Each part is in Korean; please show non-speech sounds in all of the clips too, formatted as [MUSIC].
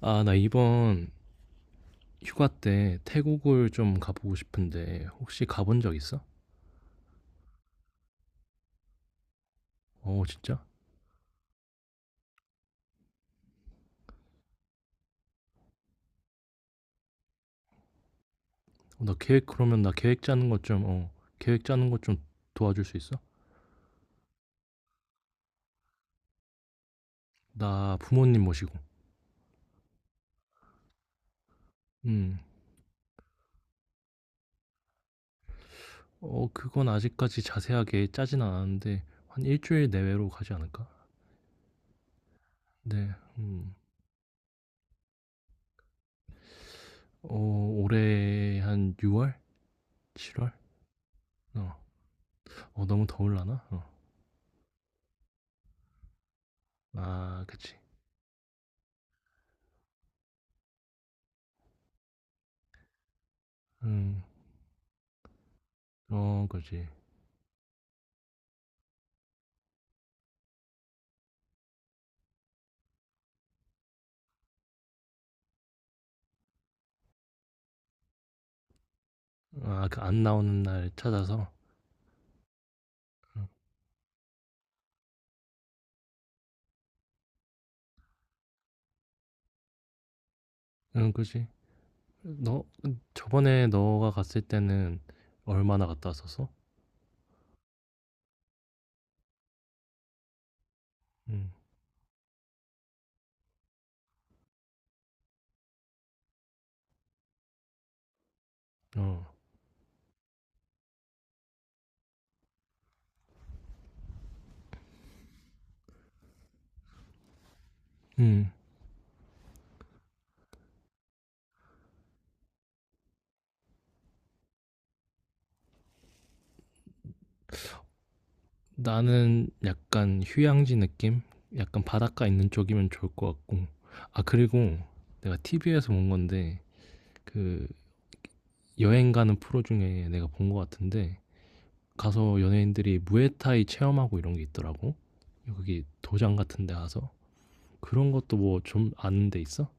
아, 나 이번 휴가 때 태국을 좀 가보고 싶은데 혹시 가본 적 있어? 어, 진짜? 어, 나 계획 그러면 나 계획 짜는 것 좀, 계획 짜는 것 좀 도와줄 수 있어? 나 부모님 모시고. 음. 어, 그건 아직까지 자세하게 짜진 않았는데 한 일주일 내외로 가지 않을까? 네. 음. 어, 올해 한 6월? 7월? 어. 어, 너무 더울라나? 어. 아, 그치. 음. 어, 그지. 아, 그 안 나오는 날 찾아서. 어. 응, 그지. 너 저번에 너가 갔을 때는 얼마나 갔다 왔었어? 응, 어, 응. 나는 약간 휴양지 느낌? 약간 바닷가 있는 쪽이면 좋을 것 같고. 아, 그리고 내가 TV에서 본 건데, 그 여행 가는 프로 중에 내가 본 것 같은데, 가서 연예인들이 무에타이 체험하고 이런 게 있더라고. 여기 도장 같은 데 가서. 그런 것도 뭐 좀 아는 데 있어?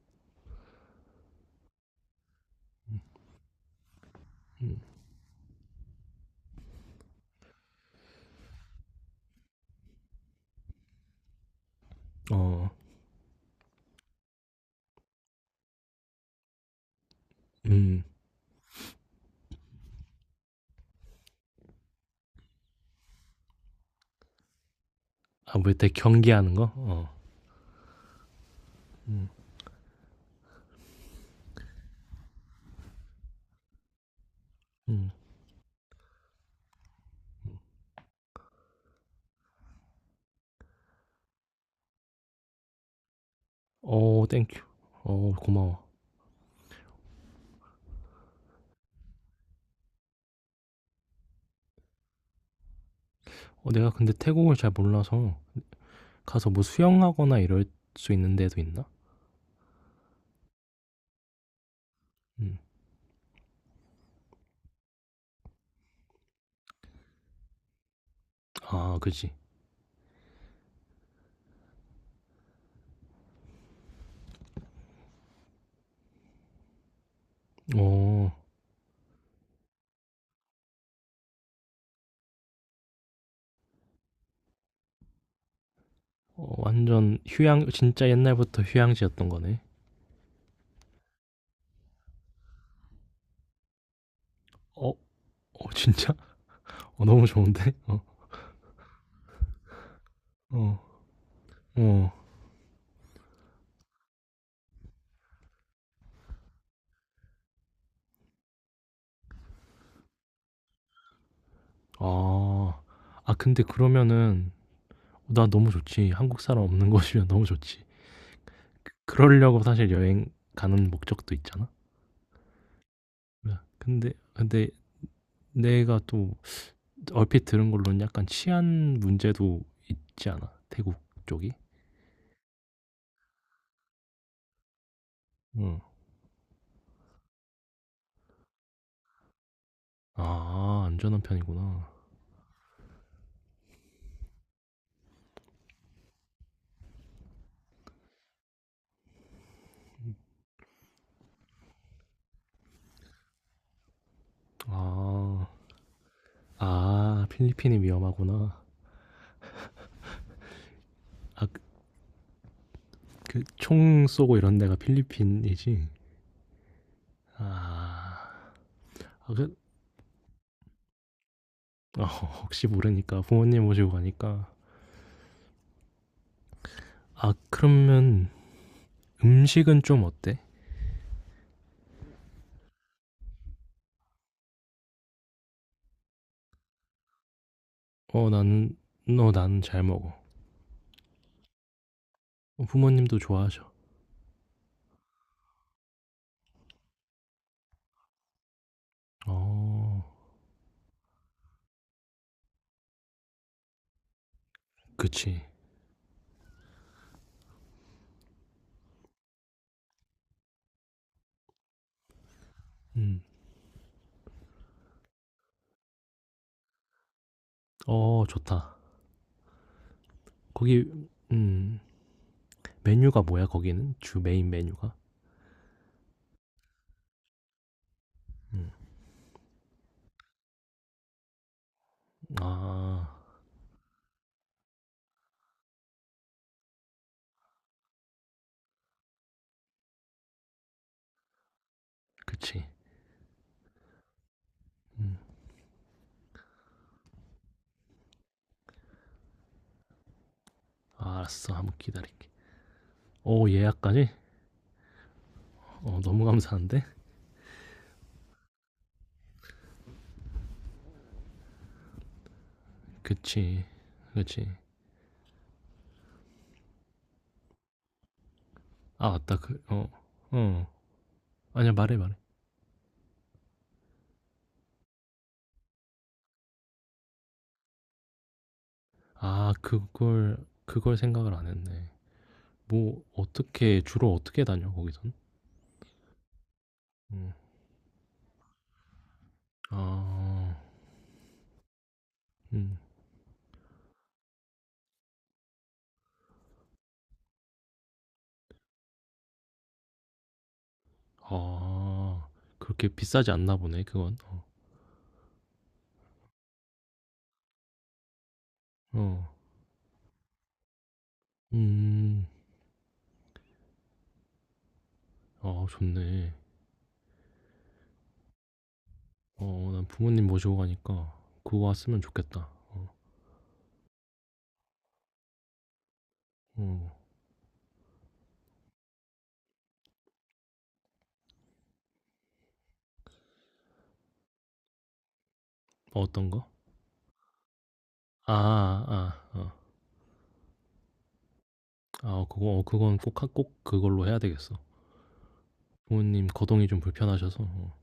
어, 음. 아, 무에타이 경기하는 거? 어. 음. 어 땡큐. 어 고마워. 어 내가 근데 태국을 잘 몰라서 가서 뭐 수영하거나 이럴 수 있는 데도 있나? 음. 아 그지. 어. 어 완전 휴양 진짜 옛날부터 휴양지였던 거네. 어? 어 진짜? [LAUGHS] 어 너무 좋은데? 어. 어. 어. 아. 아 근데 그러면은 나 너무 좋지. 한국 사람 없는 [LAUGHS] 곳이면 너무 좋지. 그러려고 사실 여행 가는 목적도 있잖아. 네. 근데 내가 또 얼핏 들은 걸로는 약간 치안 문제도 있지 않아? 태국 쪽이? 응. 아 안전한 편이구나. 아. 아 필리핀이 위험하구나. 아 그 총 쏘고 이런 데가 필리핀이지? 아. 아 그 어 혹시 모르니까 부모님 모시고 가니까. 아 그러면 음식은 좀 어때? 어 나는 너 나는 잘 먹어. 어 부모님도 좋아하셔. 어. 그치. 음. 어 좋다. 거기 음. 메뉴가 뭐야 거기는? 주 메인 메뉴가? 아 그치 음, 알았어 한번 기다릴게. 오 예약까지? 어 너무 감사한데? 그치 그치. 아 맞다 그어어. 아니야 말해 말해. 아 그걸 생각을 안 했네. 뭐 어떻게 주로 어떻게 다녀 거기선? 음, 아, 음, 아 그렇게 비싸지 않나 보네 그건. 어, 어 음, 아 좋네. 어 난 부모님 모시고 가니까 그거 왔으면 좋겠다. 어. 어떤 거? 아 아 아. 어. 아 어, 그거 어 그건 꼭 하 꼭 그걸로 해야 되겠어. 부모님 거동이 좀 불편하셔서. 어.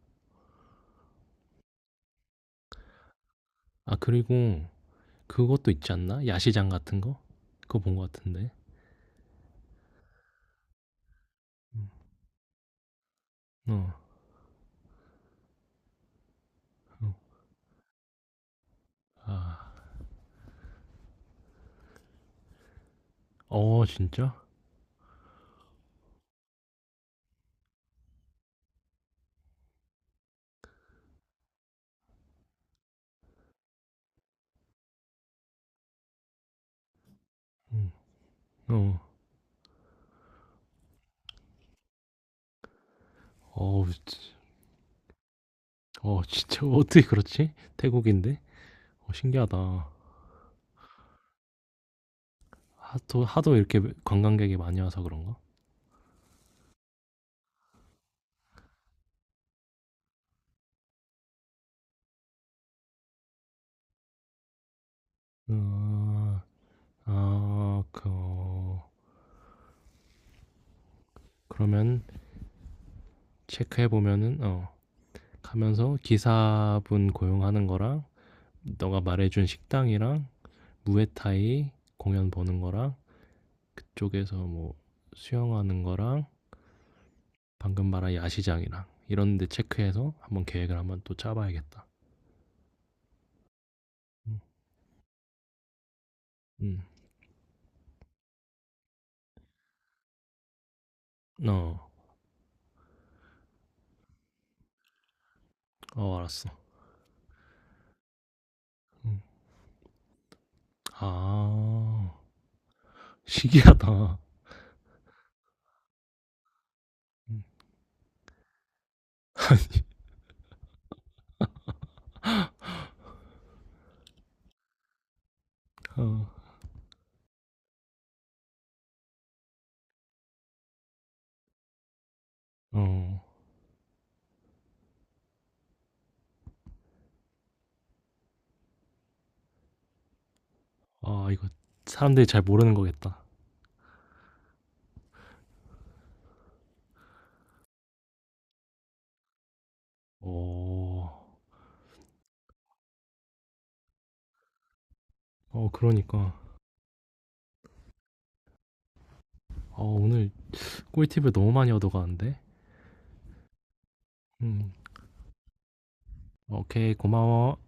아 그리고 그것도 있지 않나? 야시장 같은 거? 그거 본 것 같은데. 음. 어. 어. 아. 어 진짜? 음. 어. 어우 지 어 진짜 [LAUGHS] 어떻게 그렇지? 태국인데? 어 신기하다. 하도 하도 이렇게 관광객이 많이 와서 그런가? 아. 아 그 어 그러면 체크해 보면은 어 가면서 기사분 고용하는 거랑 너가 말해 준 식당이랑 무에타이 공연 보는 거랑 그쪽에서 뭐 수영하는 거랑 방금 말한 야시장이랑 이런 데 체크해서 한번 계획을 한번 또 짜 봐야겠다. 음. 음. 어. 어 알았어. 음. 아. 신기하다. 음. 어. 어. 아 이거 사람들이 잘 모르는 거겠다. 오... 어, 그러니까. 어, 오늘 꿀팁을 너무 많이 얻어가는데? 음, 오케이, 고마워.